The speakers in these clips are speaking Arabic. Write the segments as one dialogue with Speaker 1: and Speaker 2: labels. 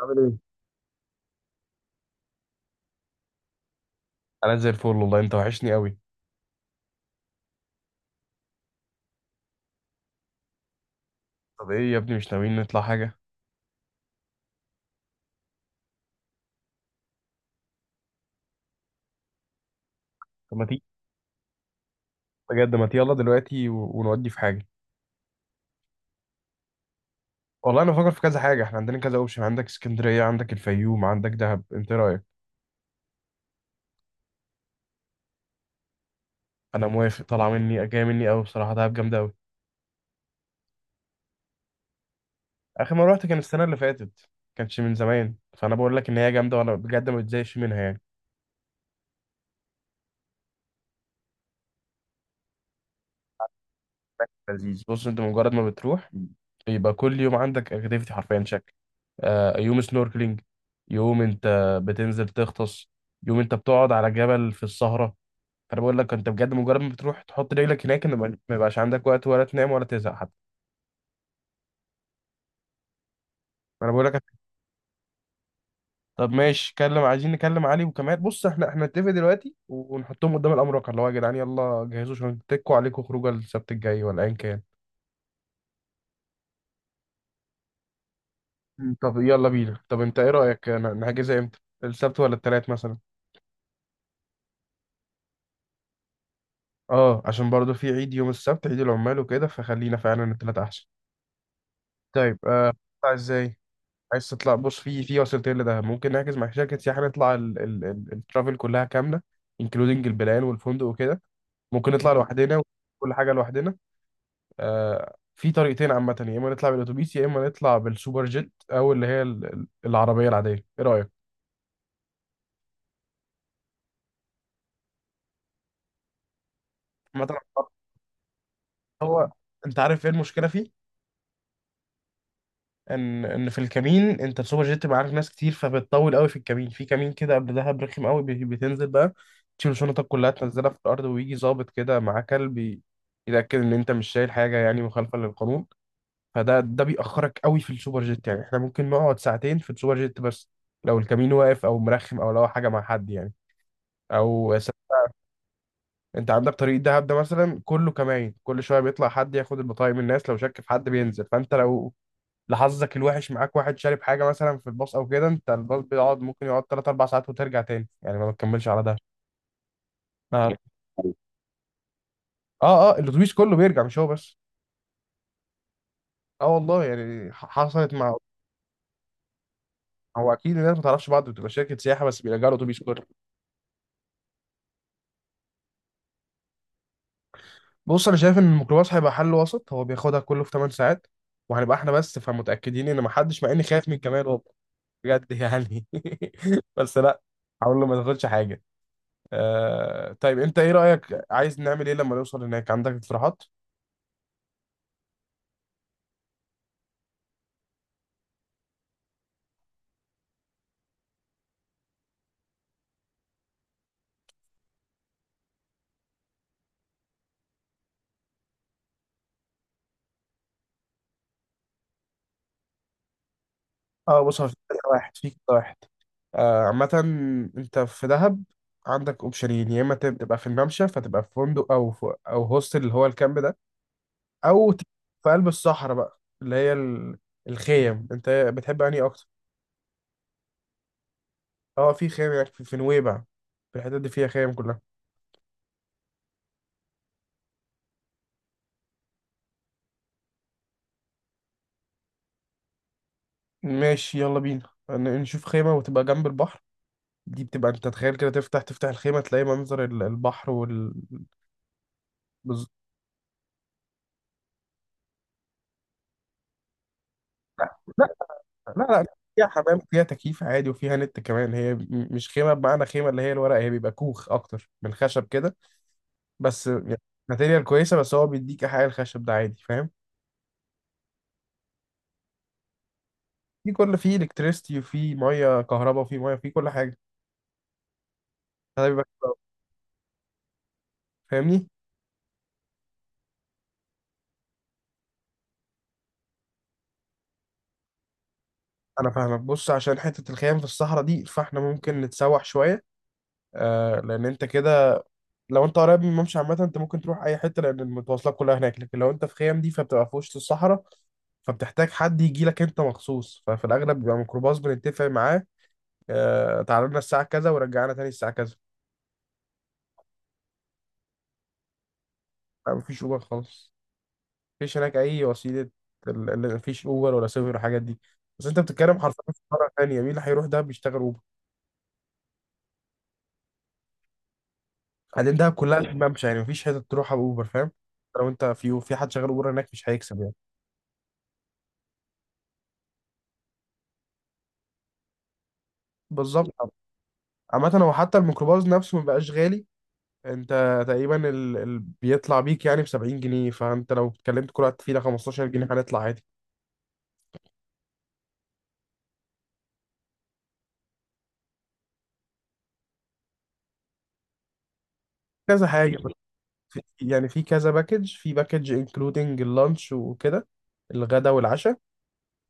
Speaker 1: عامل ايه؟ انا زي الفل والله، انت وحشني قوي. طب ايه يا ابني، مش ناويين نطلع حاجه؟ طب ما تيجي، بجد ما تيجي يلا دلوقتي ونودي في حاجه. والله انا بفكر في كذا حاجه، احنا عندنا كذا اوبشن: عندك اسكندريه، عندك الفيوم، عندك دهب. انت إيه رايك؟ انا موافق، طالعه مني جايه مني قوي، بصراحه دهب جامده قوي. اخر مره رحت كان السنه اللي فاتت، كانش من زمان، فانا بقول لك ان هي جامده وانا بجد ما بتزهقش منها يعني. لذيذ، بص انت مجرد ما بتروح يبقى كل يوم عندك اكتيفيتي حرفيا شكل. آه، يوم سنوركلينج، يوم انت بتنزل تغطس، يوم انت بتقعد على جبل في السهرة. فانا بقول لك انت بجد مجرد ما بتروح تحط رجلك هناك، ان ما يبقاش عندك وقت ولا تنام ولا تزهق حتى. انا بقول لك، طب ماشي كلم، عايزين نكلم علي وكمال. بص احنا نتفق دلوقتي ونحطهم قدام الامر الواقع، اللي هو يا جدعان يلا جهزوا عشان تكوا عليكم خروجه السبت الجاي ولا ايا كان. طب يلا بينا. طب انت ايه رايك، نحجزها امتى؟ السبت ولا التلات مثلا؟ اه، عشان برضو في عيد يوم السبت، عيد العمال وكده، فخلينا فعلا التلاتة احسن. طيب آه، هتطلع ازاي؟ عايز تطلع، بص في وسيلتين لده: ممكن نحجز مع شركة سياحة نطلع الترافل كلها كاملة، انكلودنج البلان والفندق وكده. ممكن نطلع لوحدنا وكل حاجة لوحدنا. آه، في طريقتين عامة: يا اما نطلع بالاتوبيس، يا اما نطلع بالسوبر جيت، او اللي هي العربية العادية. ايه رأيك؟ مثلا هو، انت عارف ايه المشكلة فيه؟ ان في الكمين، انت السوبر جيت بيبقى عارف ناس كتير فبتطول قوي في الكمين. في كمين كده قبل دهب رخم قوي، بتنزل بقى تشيل شنطك كلها تنزلها في الارض، ويجي ظابط كده معاه كلب يتاكد ان انت مش شايل حاجه يعني مخالفه للقانون. فده بيأخرك قوي في السوبر جيت. يعني احنا ممكن نقعد ساعتين في السوبر جيت، بس لو الكمين واقف او مرخم او لو حاجه مع حد يعني. او س- انت عندك طريق دهب ده مثلا كله كماين، كل شويه بيطلع حد ياخد البطايق من الناس، لو شك في حد بينزل. فانت لو لحظك الوحش معاك واحد شارب حاجه مثلا في الباص او كده، انت الباص بيقعد، ممكن يقعد 3 4 ساعات وترجع تاني، يعني ما بتكملش على ده. اه، اه, آه الاتوبيس كله بيرجع مش هو بس. اه والله، يعني حصلت مع. هو اكيد الناس ما تعرفش بعض، بتبقى شركه سياحه بس بيرجعوا الاتوبيس كله. بص انا شايف ان الميكروباص هيبقى حل وسط، هو بياخدها كله في 8 ساعات، وهنبقى احنا بس، فمتاكدين ان ما حدش مع، اني خايف من كمال والله، بجد يعني بس لا، هقول له ما تاخدش حاجه. آه طيب انت ايه رايك، عايز نعمل ايه لما نوصل هناك؟ عندك اقتراحات؟ اه بص، هو في كذا واحد في كذا واحد. آه، عامة انت في دهب عندك اوبشنين: يا اما تبقى في الممشى، فتبقى في فندق او في هوستل اللي هو الكامب ده، او ت- في قلب الصحراء بقى اللي هي الخيم. انت بتحب انهي اكتر؟ اه في خيم هناك في نويبع، في الحتت دي فيها خيم كلها. ماشي يلا بينا نشوف خيمة وتبقى جنب البحر. دي بتبقى، انت تخيل كده تفتح تفتح الخيمة تلاقي منظر البحر وال. بز- لا لا، فيها حمام وفيها تكييف عادي وفيها نت كمان. هي مش خيمه بمعنى خيمه اللي هي الورق، هي بيبقى كوخ اكتر، من خشب كده بس يعني ماتيريال كويسه، بس هو بيديك احياء الخشب ده عادي، فاهم؟ في كل، فيه الكتريستي وفي ميه كهرباء وفي ميه، في كل حاجه، فده بيبقى حلو أوي. فاهمني؟ انا فاهمك. بص عشان حته الخيام في الصحراء دي، فاحنا ممكن نتسوح شويه. آه لان انت كده، لو انت قريب من الممشى عامة انت ممكن تروح اي حتة، لان المتواصلات كلها هناك. لكن لو انت في خيام دي فبتبقى في وسط الصحراء، فبتحتاج حد يجي لك انت مخصوص، ففي الاغلب بيبقى ميكروباص بنتفق معاه اه، تعالى لنا الساعة كذا، ورجعنا تاني الساعة كذا. اه، مفيش اوبر خالص، مفيش هناك اي وسيلة. مفيش اوبر ولا سوبر ولا الحاجات دي. بس انت بتتكلم حرفيا في قارة تانية، مين اللي هيروح دهب بيشتغل اوبر؟ بعدين دهب كلها في ممشى، يعني مفيش حتة تروحها باوبر، فاهم؟ لو انت في حد شغال اوبر هناك مش هيكسب يعني. بالظبط. عامة هو حتى الميكروباص نفسه مبقاش غالي، انت تقريبا ال... ال... بيطلع بيك يعني ب 70 جنيه، فانت لو اتكلمت كل واحد فينا 15 جنيه، هنطلع عادي. كذا حاجه بس، في يعني في كذا باكج، في باكج انكلودنج اللانش وكده، الغدا والعشاء،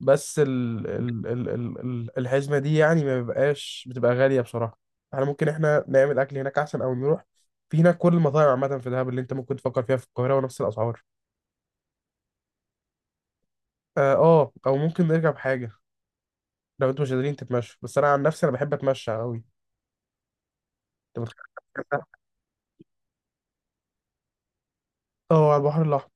Speaker 1: بس ال... ال... ال... ال... الحزمه دي يعني ما بيبقاش، بتبقى غاليه بصراحه. احنا ممكن نعمل اكل هناك احسن، او نروح. في هناك كل المطاعم عامه في دهب اللي انت ممكن تفكر فيها في القاهره ونفس الاسعار. اه آه، او ممكن نرجع بحاجه لو انتوا مش قادرين تتمشوا، بس انا عن نفسي انا بحب اتمشى قوي. انت متخيل، اه على البحر الأحمر.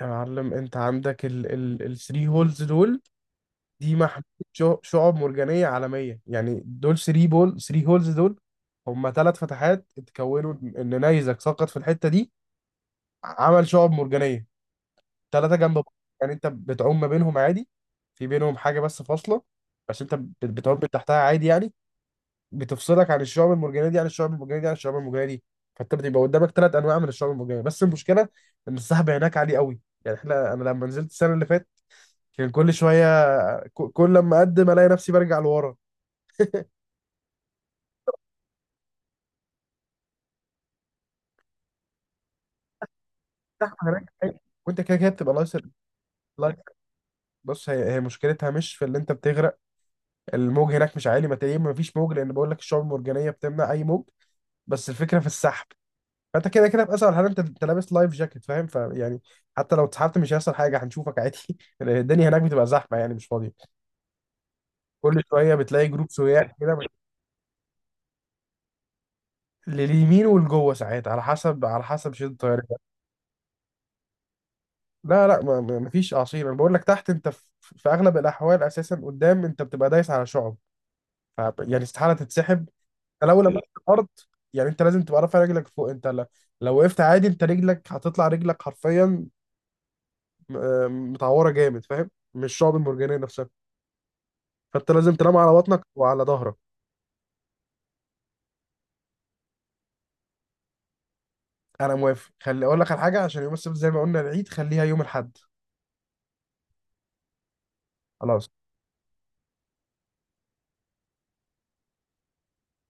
Speaker 1: يا معلم، أنت عندك ال الثري هولز دول، دي محمية. شعب مرجانية عالمية يعني، دول ثري بول، ثري هولز دول، هما ثلاث فتحات اتكونوا إن نيزك سقط في الحتة دي عمل شعب مرجانية، ثلاثة جنب بعض. يعني أنت بتعوم ما بينهم عادي، في بينهم حاجة بس فاصلة، بس أنت بتعوم من تحتها عادي يعني، بتفصلك عن الشعب المرجانيه دي عن الشعب المرجانيه دي عن الشعب المرجانيه دي. فانت بتبقى قدامك ثلاث انواع من الشعب المرجانيه، بس المشكله ان السحب هناك عالي قوي يعني. احنا، انا لما نزلت السنه اللي فاتت كان كل شويه، كل لما اقدم الاقي نفسي برجع لورا. السحب هناك عالي، وانت كده كده بتبقى لايس، لايس. بص هي مشكلتها مش في اللي انت بتغرق، الموج هناك مش عالي، ما تقريبا ما فيش موج، لان بقول لك الشعب المرجانيه بتمنع اي موج، بس الفكره في السحب. فانت كده كده في اسهل حاله انت لابس لايف جاكيت فاهم، فيعني حتى لو اتسحبت مش هيحصل حاجه، هنشوفك عادي الدنيا هناك بتبقى زحمه يعني مش فاضيه، كل شويه بتلاقي جروب سواق كده. لليمين والجوه ساعات على حسب، شده الطيارة. لا لا ما ما- مفيش اعاصير، انا بقول لك تحت، انت في اغلب الاحوال اساسا قدام انت بتبقى دايس على شعب، يعني استحاله تتسحب. انت لو لمست الارض، يعني انت لازم تبقى رافع رجلك فوق. انت لو وقفت عادي، انت رجلك هتطلع، رجلك حرفيا آه، متعوره جامد، فاهم؟ مش شعب المرجانيه نفسها. فانت لازم تنام على بطنك وعلى ظهرك. انا موافق، خلي اقول لك على حاجه: عشان يوم السبت زي ما قلنا العيد، خليها يوم الاحد. خلاص،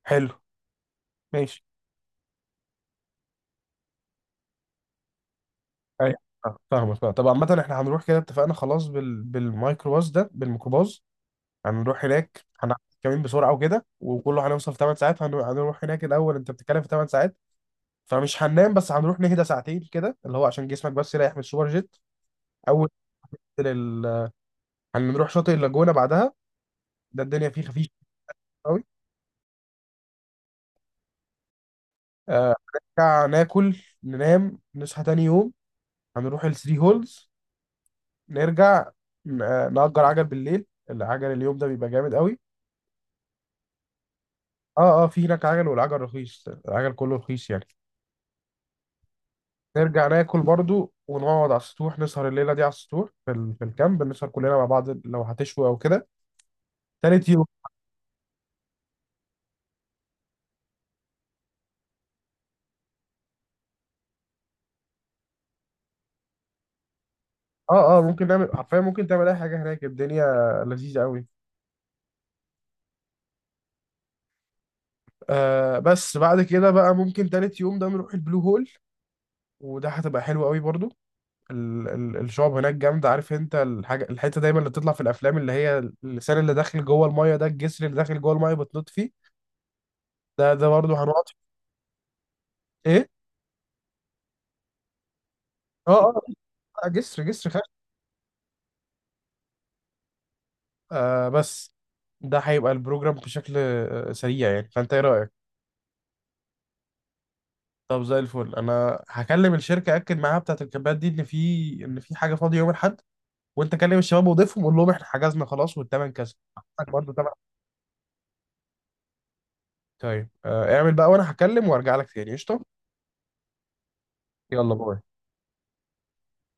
Speaker 1: حلو، ماشي. ايوه. آه، فاهمك فاهمك. طب عامة احنا هنروح كده، اتفقنا خلاص بال... بالميكروباص ده، بالميكروباص هنروح هناك، هنعمل كمين بسرعة وكده، وكله هنوصل في 8 ساعات. هنروح هناك الأول، أنت بتتكلم في 8 ساعات فمش هننام، بس هنروح نهدى ساعتين كده، اللي هو عشان جسمك بس يريح من السوبر جيت. أول لل... هنروح شاطئ اللاجونة بعدها، ده الدنيا فيه خفيف قوي. آه، نرجع ناكل، ننام، نصحى تاني يوم، هنروح الثري هولز، نرجع آه، نأجر عجل بالليل، العجل اليوم ده بيبقى جامد قوي. اه اه في هناك عجل، والعجل رخيص، العجل كله رخيص يعني. نرجع ناكل برضو، ونقعد على السطوح نسهر الليلة دي على السطوح في في الكامب، نسهر كلنا مع بعض لو هتشوي أو كده. تالت يوم، اه اه ممكن نعمل حرفيا، ممكن تعمل أي حاجة هناك، الدنيا لذيذة قوي. آه، بس بعد كده بقى ممكن تالت يوم ده نروح البلو هول، وده هتبقى حلوة قوي برضو. الشعب هناك جامدة. عارف انت الحاجة، الحتة دايما اللي بتطلع في الافلام، اللي هي اللسان اللي داخل جوه المية ده، الجسر اللي داخل جوه المية بتنط فيه، ده برضه هنقعد فيه. ايه؟ اه اه، لا، جسر خشب. آه بس ده هيبقى البروجرام بشكل آه، سريع يعني، فانت ايه رأيك؟ طب زي الفل، انا هكلم الشركة اكد معاها بتاعة الكامبات دي ان ان في حاجة فاضية يوم الاحد، وانت كلم الشباب وضيفهم، قول لهم احنا حجزنا خلاص والتمن كذا. عندك برضه تمن. طيب آه اعمل بقى، وانا هكلم وارجع لك تاني. قشطة، يلا باي.